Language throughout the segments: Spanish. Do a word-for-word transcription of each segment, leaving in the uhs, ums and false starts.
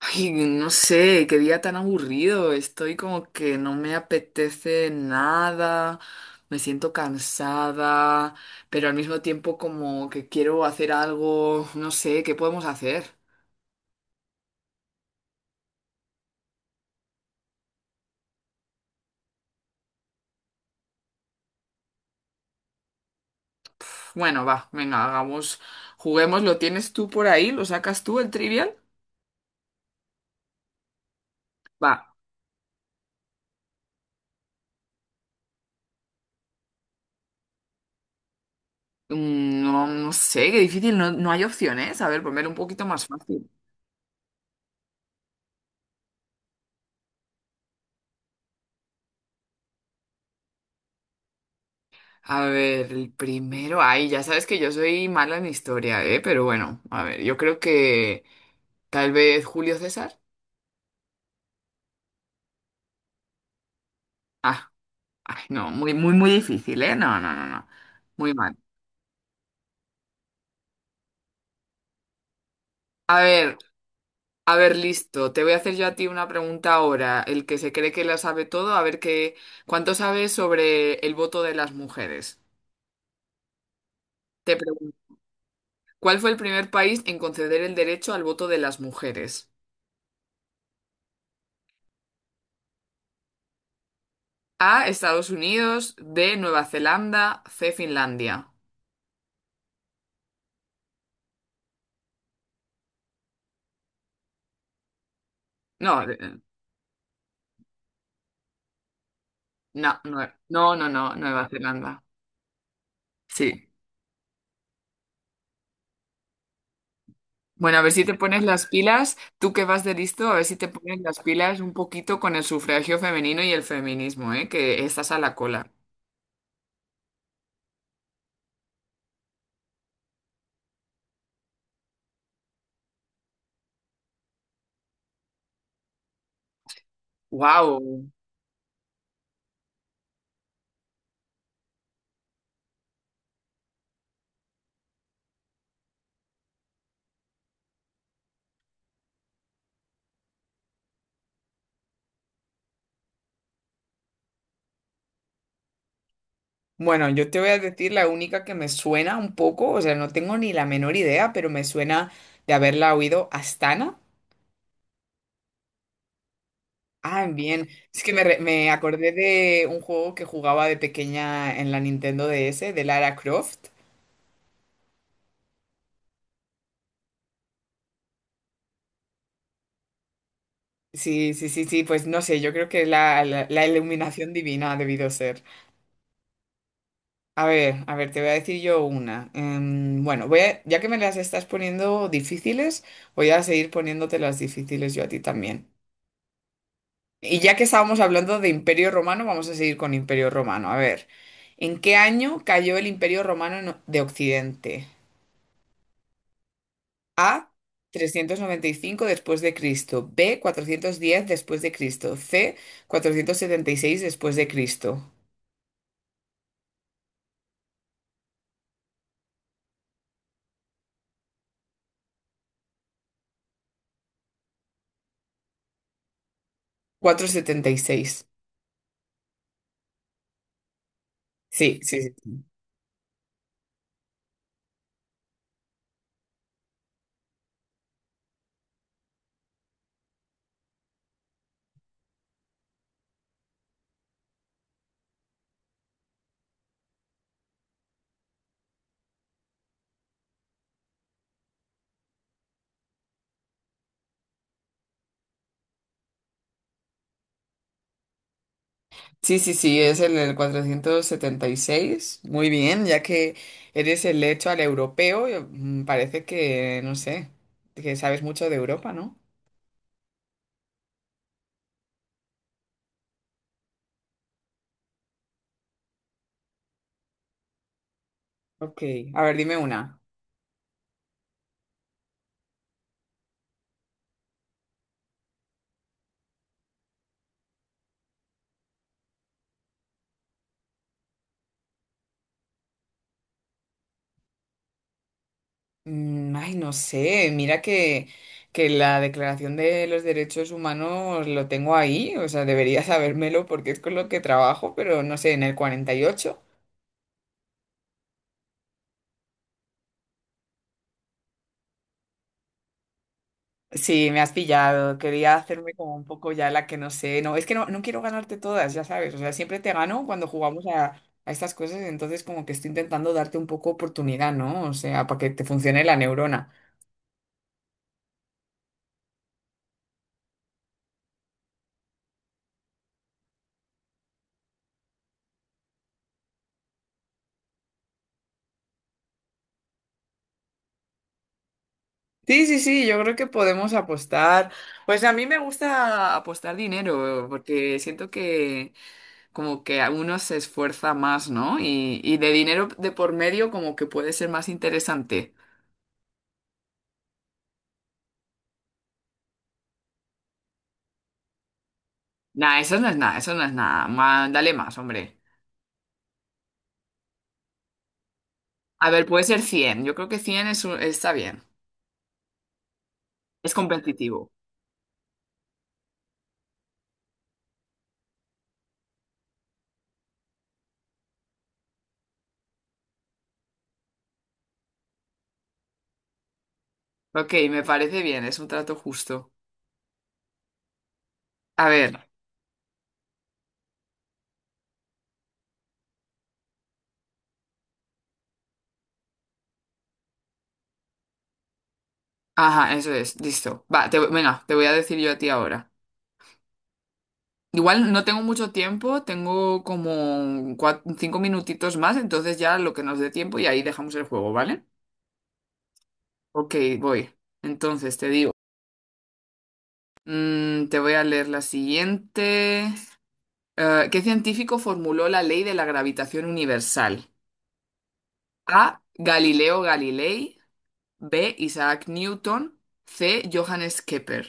Ay, no sé, qué día tan aburrido. Estoy como que no me apetece nada, me siento cansada, pero al mismo tiempo como que quiero hacer algo, no sé, ¿qué podemos hacer? Bueno, va, venga, hagamos, juguemos, ¿lo tienes tú por ahí? ¿Lo sacas tú el trivial? Va, mm, no, no sé, qué difícil, no, no hay opciones. A ver, poner un poquito más fácil. A ver, el primero, ay, ya sabes que yo soy mala en historia, ¿eh? Pero bueno, a ver, yo creo que tal vez Julio César. Ah, ay, no, muy, muy, muy difícil, ¿eh? No, no, no, no, muy mal. A ver, a ver, listo, te voy a hacer yo a ti una pregunta ahora, el que se cree que lo sabe todo, a ver qué, ¿cuánto sabes sobre el voto de las mujeres? Te pregunto, ¿cuál fue el primer país en conceder el derecho al voto de las mujeres? A, Estados Unidos, B, Nueva Zelanda, C, Finlandia. No, de- no, no, no, no, no, Nueva Zelanda. Sí. Bueno, a ver si te pones las pilas, tú que vas de listo, a ver si te pones las pilas un poquito con el sufragio femenino y el feminismo, ¿eh? Que estás a la cola. Wow. Bueno, yo te voy a decir la única que me suena un poco, o sea, no tengo ni la menor idea, pero me suena de haberla oído Astana. Ah, bien. Es que me, re- me acordé de un juego que jugaba de pequeña en la Nintendo D S, de Lara Croft. Sí, sí, sí, sí, pues no sé, yo creo que la, la, la iluminación divina ha debido ser. A ver, a ver, te voy a decir yo una. Em, bueno, voy a- ya que me las estás poniendo difíciles, voy a seguir poniéndote las difíciles yo a ti también. Y ya que estábamos hablando de Imperio Romano, vamos a seguir con Imperio Romano. A ver, ¿en qué año cayó el Imperio Romano en- de Occidente? A, trescientos noventa y cinco después de Cristo, B, cuatrocientos diez después de Cristo, C, cuatrocientos setenta y seis después de Cristo. Cuatrocientos setenta y seis. Sí, sí, sí. Sí, sí, sí, es el, el cuatrocientos setenta y seis. Muy bien, ya que eres el hecho al europeo, yo- mm, parece que, no sé, que sabes mucho de Europa, ¿no? Ok, a ver, dime una. Mm, Ay, no sé, mira que, que, la Declaración de los Derechos Humanos lo tengo ahí, o sea, debería sabérmelo porque es con lo que trabajo, pero no sé, en el cuarenta y ocho. Sí, me has pillado. Quería hacerme como un poco ya la que no sé. No, es que no, no quiero ganarte todas, ya sabes. O sea, siempre te gano cuando jugamos a, a estas cosas, entonces como que estoy intentando darte un poco oportunidad, ¿no? O sea, para que te funcione la neurona. Sí, sí, sí, yo creo que podemos apostar. Pues a mí me gusta apostar dinero, porque siento que como que a uno se esfuerza más, ¿no? Y, y de dinero de por medio como que puede ser más interesante. Nah, eso no es nada, eso no es nada. Ma- dale más, hombre. A ver, puede ser cien. Yo creo que cien es un- está bien. Es competitivo. Ok, me parece bien, es un trato justo. A ver, ajá, eso es, listo. Va, te, venga, te voy a decir yo a ti ahora. Igual no tengo mucho tiempo, tengo como cua- cinco minutitos más, entonces ya lo que nos dé tiempo y ahí dejamos el juego, ¿vale? Ok, voy. Entonces te digo, mm, te voy a leer la siguiente. Eh, ¿qué científico formuló la ley de la gravitación universal? A, Galileo Galilei. B, Isaac Newton. C, Johannes Kepler.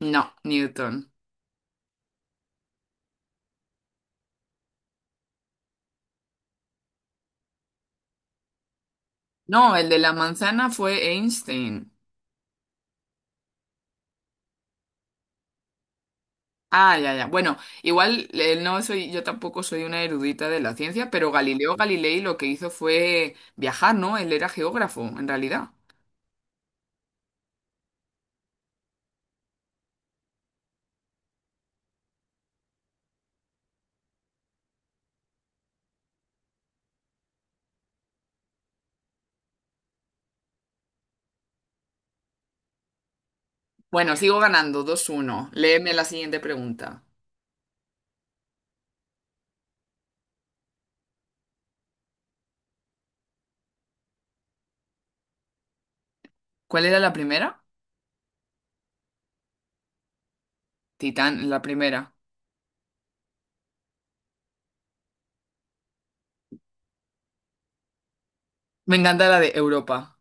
No, Newton. No, el de la manzana fue Einstein. Ah, ya, ya. Bueno, igual eh, no soy, yo tampoco soy una erudita de la ciencia, pero Galileo Galilei lo que hizo fue viajar, ¿no? Él era geógrafo, en realidad. Bueno, sigo ganando, dos uno. Léeme la siguiente pregunta. ¿Cuál era la primera? Titán, la primera. Me encanta la de Europa.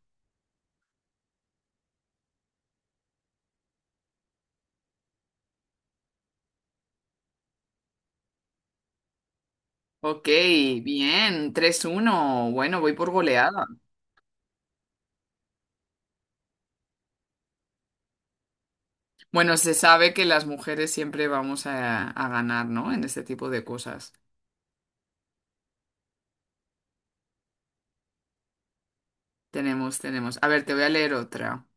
Ok, bien, tres uno. Bueno, voy por goleada. Bueno, se sabe que las mujeres siempre vamos a, a, ganar, ¿no? En este tipo de cosas. Tenemos, tenemos. A ver, te voy a leer otra.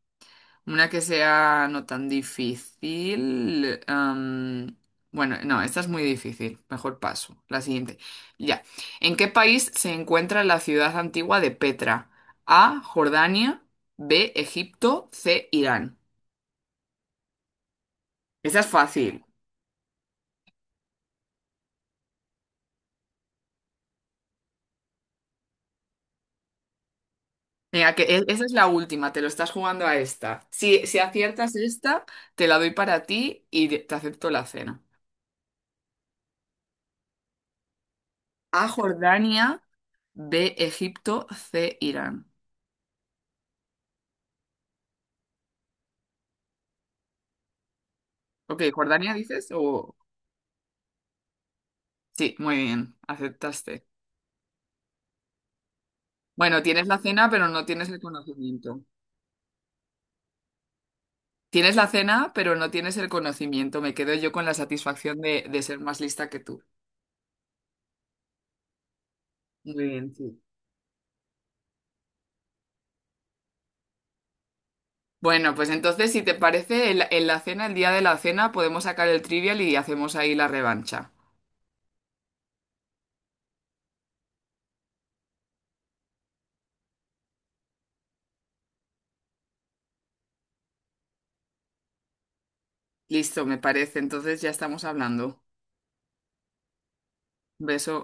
Una que sea no tan difícil. am, bueno, no, esta es muy difícil. Mejor paso. La siguiente. Ya. ¿En qué país se encuentra la ciudad antigua de Petra? A, Jordania. B, Egipto. C, Irán. Esta es fácil. Venga, que e- esa es la última, te lo estás jugando a esta. Si, si aciertas esta, te la doy para ti y de- te acepto la cena. A, Jordania, B, Egipto, C, Irán. Ok, ¿Jordania dices? O. Sí, muy bien, aceptaste. Bueno, tienes la cena, pero no tienes el conocimiento. Tienes la cena, pero no tienes el conocimiento. Me quedo yo con la satisfacción de, de, ser más lista que tú. Muy bien, sí. Bueno, pues entonces, si te parece, en la en la cena, el día de la cena, podemos sacar el trivial y hacemos ahí la revancha. Listo, me parece. Entonces ya estamos hablando. Beso.